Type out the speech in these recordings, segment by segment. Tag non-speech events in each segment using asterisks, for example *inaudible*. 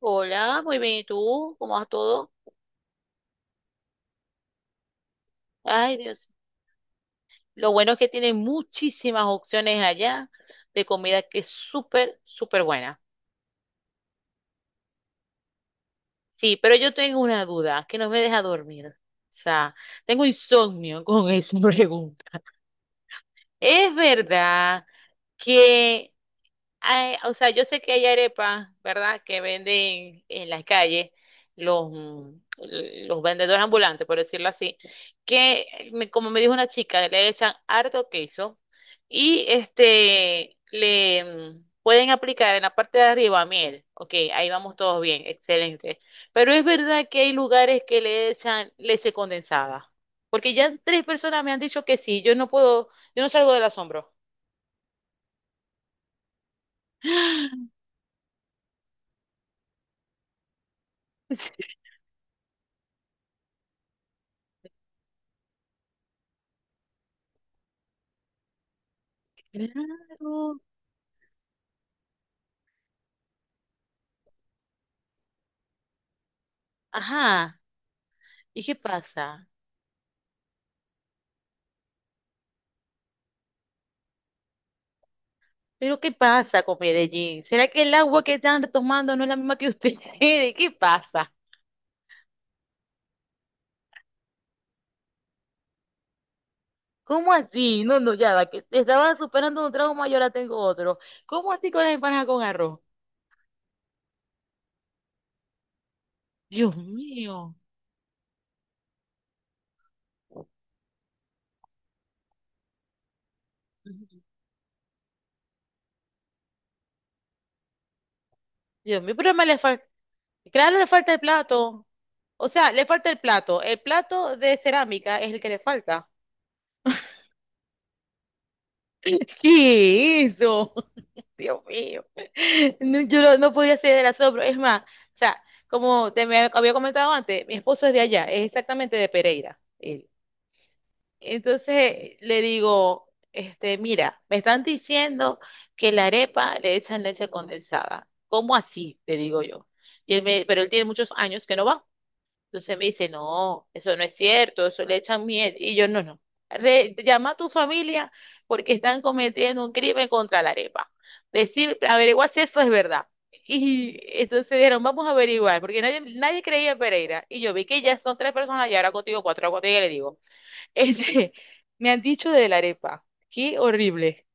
Hola, muy bien, ¿y tú? ¿Cómo vas todo? Ay, Dios. Lo bueno es que tienen muchísimas opciones allá de comida que es súper, súper buena. Sí, pero yo tengo una duda que no me deja dormir. O sea, tengo insomnio con esa *laughs* pregunta. ¿Es verdad que? Ay, o sea, yo sé que hay arepas, ¿verdad? Que venden en las calles los, mm, los vendedores ambulantes, por decirlo así, que como me dijo una chica, le echan harto queso y le pueden aplicar en la parte de arriba miel. Ok, ahí vamos todos bien, excelente. Pero es verdad que hay lugares que le echan leche condensada, porque ya tres personas me han dicho que sí. Yo no puedo, yo no salgo del asombro. *laughs* *gasps* Sí. Claro. Ajá. ¿Y qué pasa? ¿Pero qué pasa con Medellín? ¿Será que el agua que están tomando no es la misma que ustedes? *laughs* ¿Qué pasa? ¿Cómo así? No, no, ya va, que te estaba superando un trauma y ahora tengo otro. ¿Cómo así con las empanadas con arroz? Dios mío. Dios mío, pero me le falta. Claro, le falta el plato. O sea, le falta el plato. El plato de cerámica es el que le falta. *laughs* ¿Qué es eso? Dios mío. *laughs* No, yo no, no podía hacer el asado, pero es más, o sea, como te me había comentado antes, mi esposo es de allá, es exactamente de Pereira, él. Entonces le digo, mira, me están diciendo que la arepa le echan leche condensada. ¿Cómo así? Le digo yo. Y él me, pero él tiene muchos años que no va. Entonces me dice, no, eso no es cierto, eso le echan miel. Y yo, no, no. Llama a tu familia porque están cometiendo un crimen contra la arepa. Decir, averigua si eso es verdad. Y entonces dijeron, vamos a averiguar, porque nadie, nadie creía en Pereira. Y yo vi que ya son tres personas y ahora contigo cuatro, ahora contigo le digo. *laughs* Este, me han dicho de la arepa. Qué horrible.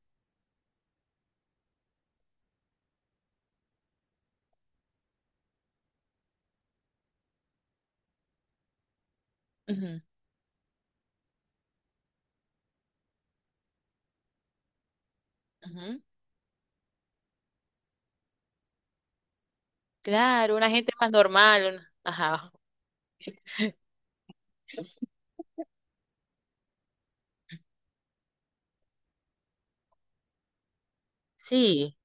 Ujú, ujú. Claro, una gente más normal. Ajá. Sí.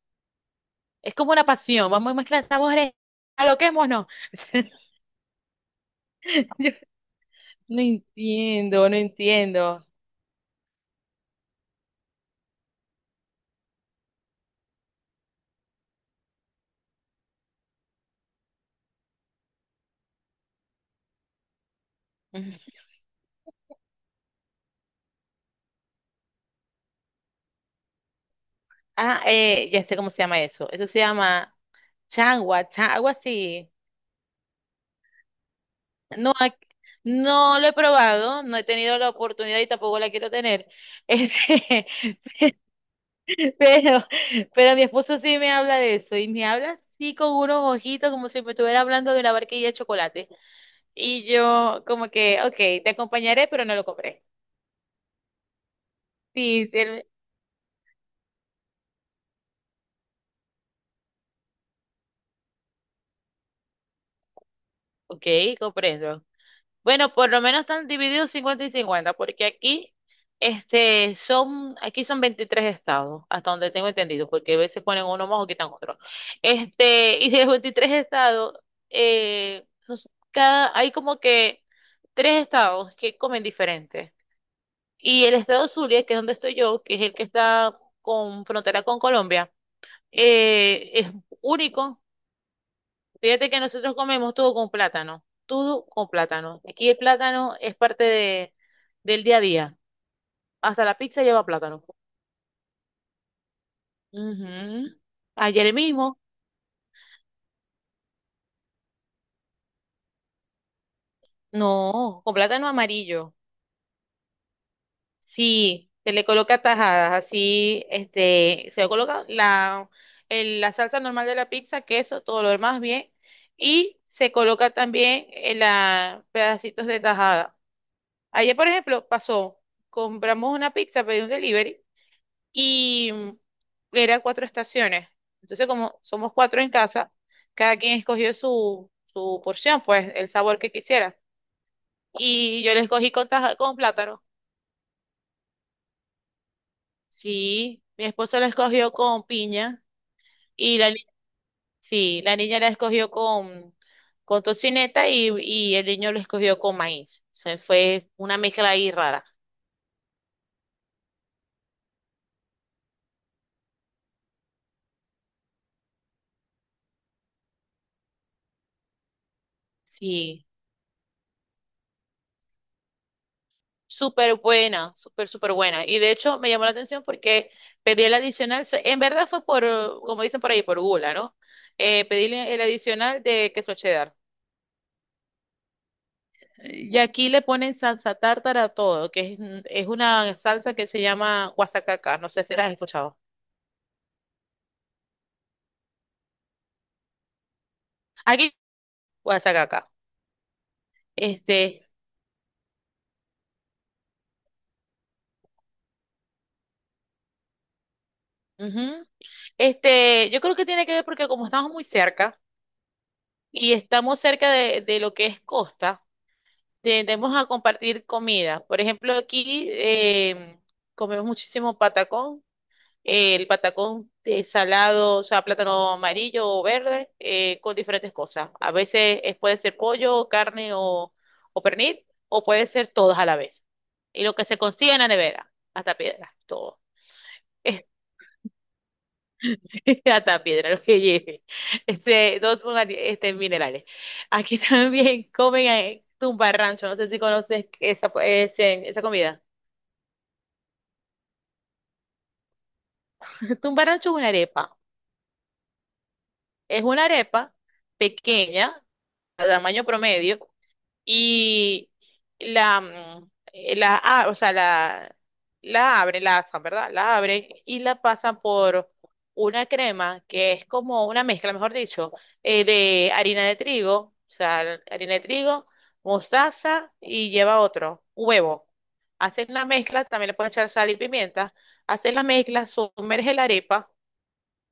Es como una pasión, vamos a mezclar sabores, aloquémonos. *laughs* Yo no entiendo, no entiendo. *laughs* Ujú. Ah, ya sé cómo se llama eso. Eso se llama changua, algo así. No, no lo he probado, no he tenido la oportunidad y tampoco la quiero tener. Este, *laughs* pero, pero mi esposo sí me habla de eso y me habla así con unos ojitos como si me estuviera hablando de una barquilla de chocolate. Y yo como que, ok, te acompañaré, pero no lo compré. Sí, sí. Ok, comprendo. Bueno, por lo menos están divididos 50 y 50, porque aquí son 23 estados, hasta donde tengo entendido, porque a veces ponen uno más o quitan otro. Y de los 23 estados, hay como que tres estados que comen diferente. Y el estado Zulia, que es donde estoy yo, que es el que está con frontera con Colombia, es único. Fíjate que nosotros comemos todo con plátano, todo con plátano. Aquí el plátano es parte del día a día. Hasta la pizza lleva plátano. Ujú. Ayer mismo. No, con plátano amarillo. Sí, se le coloca tajadas, así, se le coloca la salsa normal de la pizza, queso, todo lo demás bien. Y se coloca también en la pedacitos de tajada. Ayer, por ejemplo, pasó, compramos una pizza, pedí un delivery. Y era cuatro estaciones. Entonces, como somos cuatro en casa, cada quien escogió su porción, pues el sabor que quisiera. Y yo le escogí con plátano. Sí, mi esposo la escogió con piña y la, ni- sí, la niña la escogió con tocineta y el niño lo escogió con maíz. Se fue una mezcla ahí rara. Sí. Súper buena, súper, súper buena. Y de hecho me llamó la atención porque pedí el adicional, en verdad fue por, como dicen por ahí, por gula, ¿no? Pedí el adicional de queso cheddar. Y aquí le ponen salsa tártara a todo, que es una salsa que se llama guasacaca, no sé si la has escuchado. Aquí, guasacaca. Este, ujú. Yo creo que tiene que ver porque como estamos muy cerca y estamos cerca de lo que es costa. Tendemos a compartir comida. Por ejemplo, aquí comemos muchísimo patacón. El patacón de salado, o sea, plátano amarillo o verde, con diferentes cosas. A veces puede ser pollo, carne o pernil, o puede ser todos a la vez. Y lo que se consigue en la nevera, hasta piedra, todo. Este, *laughs* Hasta piedra, lo que lleve. Todos son minerales. Aquí *laughs* también comen tumbarrancho, no sé si conoces esa, esa comida. Un es una arepa. Es una arepa pequeña, de tamaño promedio, y la, mm, la, a- o sea, la abren, la asan, ¿verdad? La abren y la pasan por una crema que es como una mezcla, mejor dicho, de harina de trigo, o sea, harina de trigo, mostaza y lleva huevo. Hacen la mezcla, también le pueden echar sal y pimienta. Hacen la mezcla, sumerge la arepa,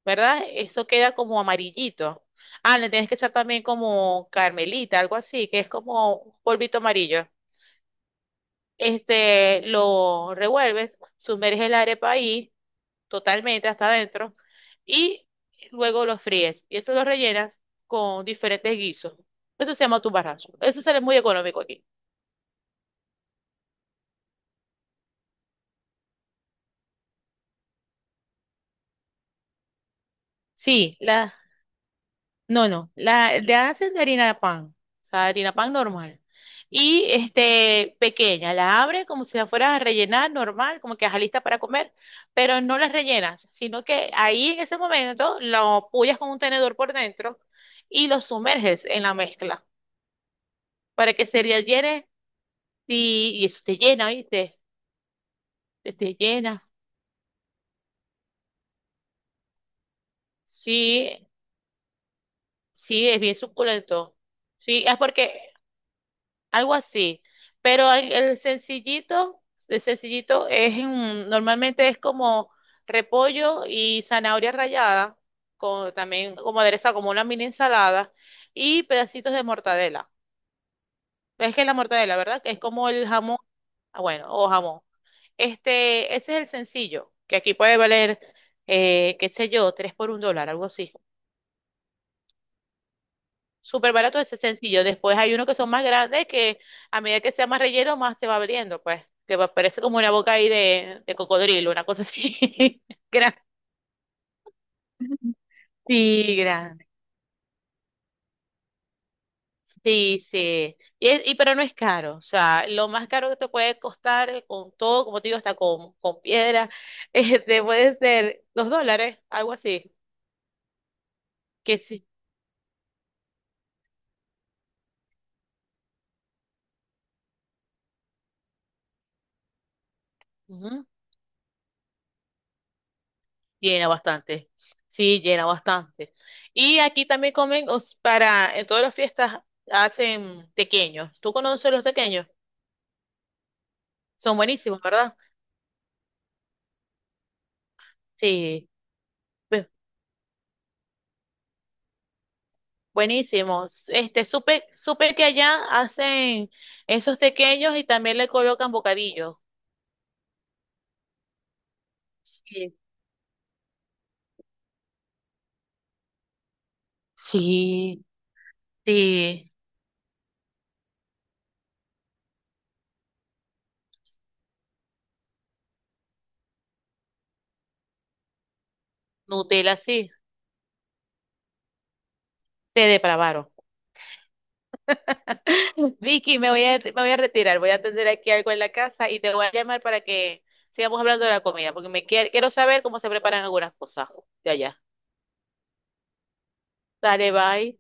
¿verdad? Eso queda como amarillito. Ah, le tienes que echar también como carmelita, algo así, que es como un polvito amarillo. Lo revuelves, sumerges la arepa ahí totalmente hasta adentro y luego lo fríes. Y eso lo rellenas con diferentes guisos. Eso se llama tu barrazo. Eso sale muy económico aquí. Sí. No, no, la de hacen de harina de pan, o sea, harina pan normal. Y pequeña, la abre como si la fueras a rellenar normal, como que ajá, lista para comer, pero no la rellenas, sino que ahí en ese momento lo apoyas con un tenedor por dentro y lo sumerges en la mezcla para que se rellene y eso te llena, ¿viste? Te llena. Sí, sí, es bien suculento. Sí, es porque Algo así. Pero el sencillito, el sencillito es normalmente es como repollo y zanahoria rallada, con, también como adereza, como una mini ensalada, y pedacitos de mortadela. Es que es la mortadela, ¿verdad? Que es como el jamón, ah, bueno, o jamón. Ese es el sencillo, que aquí puede valer, qué sé yo, tres por $1, algo así. Súper barato, ese sencillo. Después hay unos que son más grandes que a medida que sea más relleno, más se va abriendo, pues. Parece como una boca ahí de cocodrilo, una cosa así. *laughs* Gran- Sí, grande. Sí, sí. Y pero no es caro. O sea, lo más caro que te puede costar con todo, como te digo, hasta con piedra, *laughs* puede ser $2, algo así. Que sí. Llena bastante. Sí, llena bastante. Y aquí también comen, en todas las fiestas hacen tequeños. ¿Tú conoces los tequeños? Son buenísimos, ¿verdad? Sí, bu- buenísimos. Supe que allá hacen esos tequeños y también le colocan bocadillos. Sí. Sí, sí. Nutella, sí. Te depravaron. Vicky, me voy a retirar, voy a atender aquí algo en la casa y te voy a llamar para que sigamos hablando de la comida, porque me quiero saber cómo se preparan algunas cosas de allá. Dale, bye.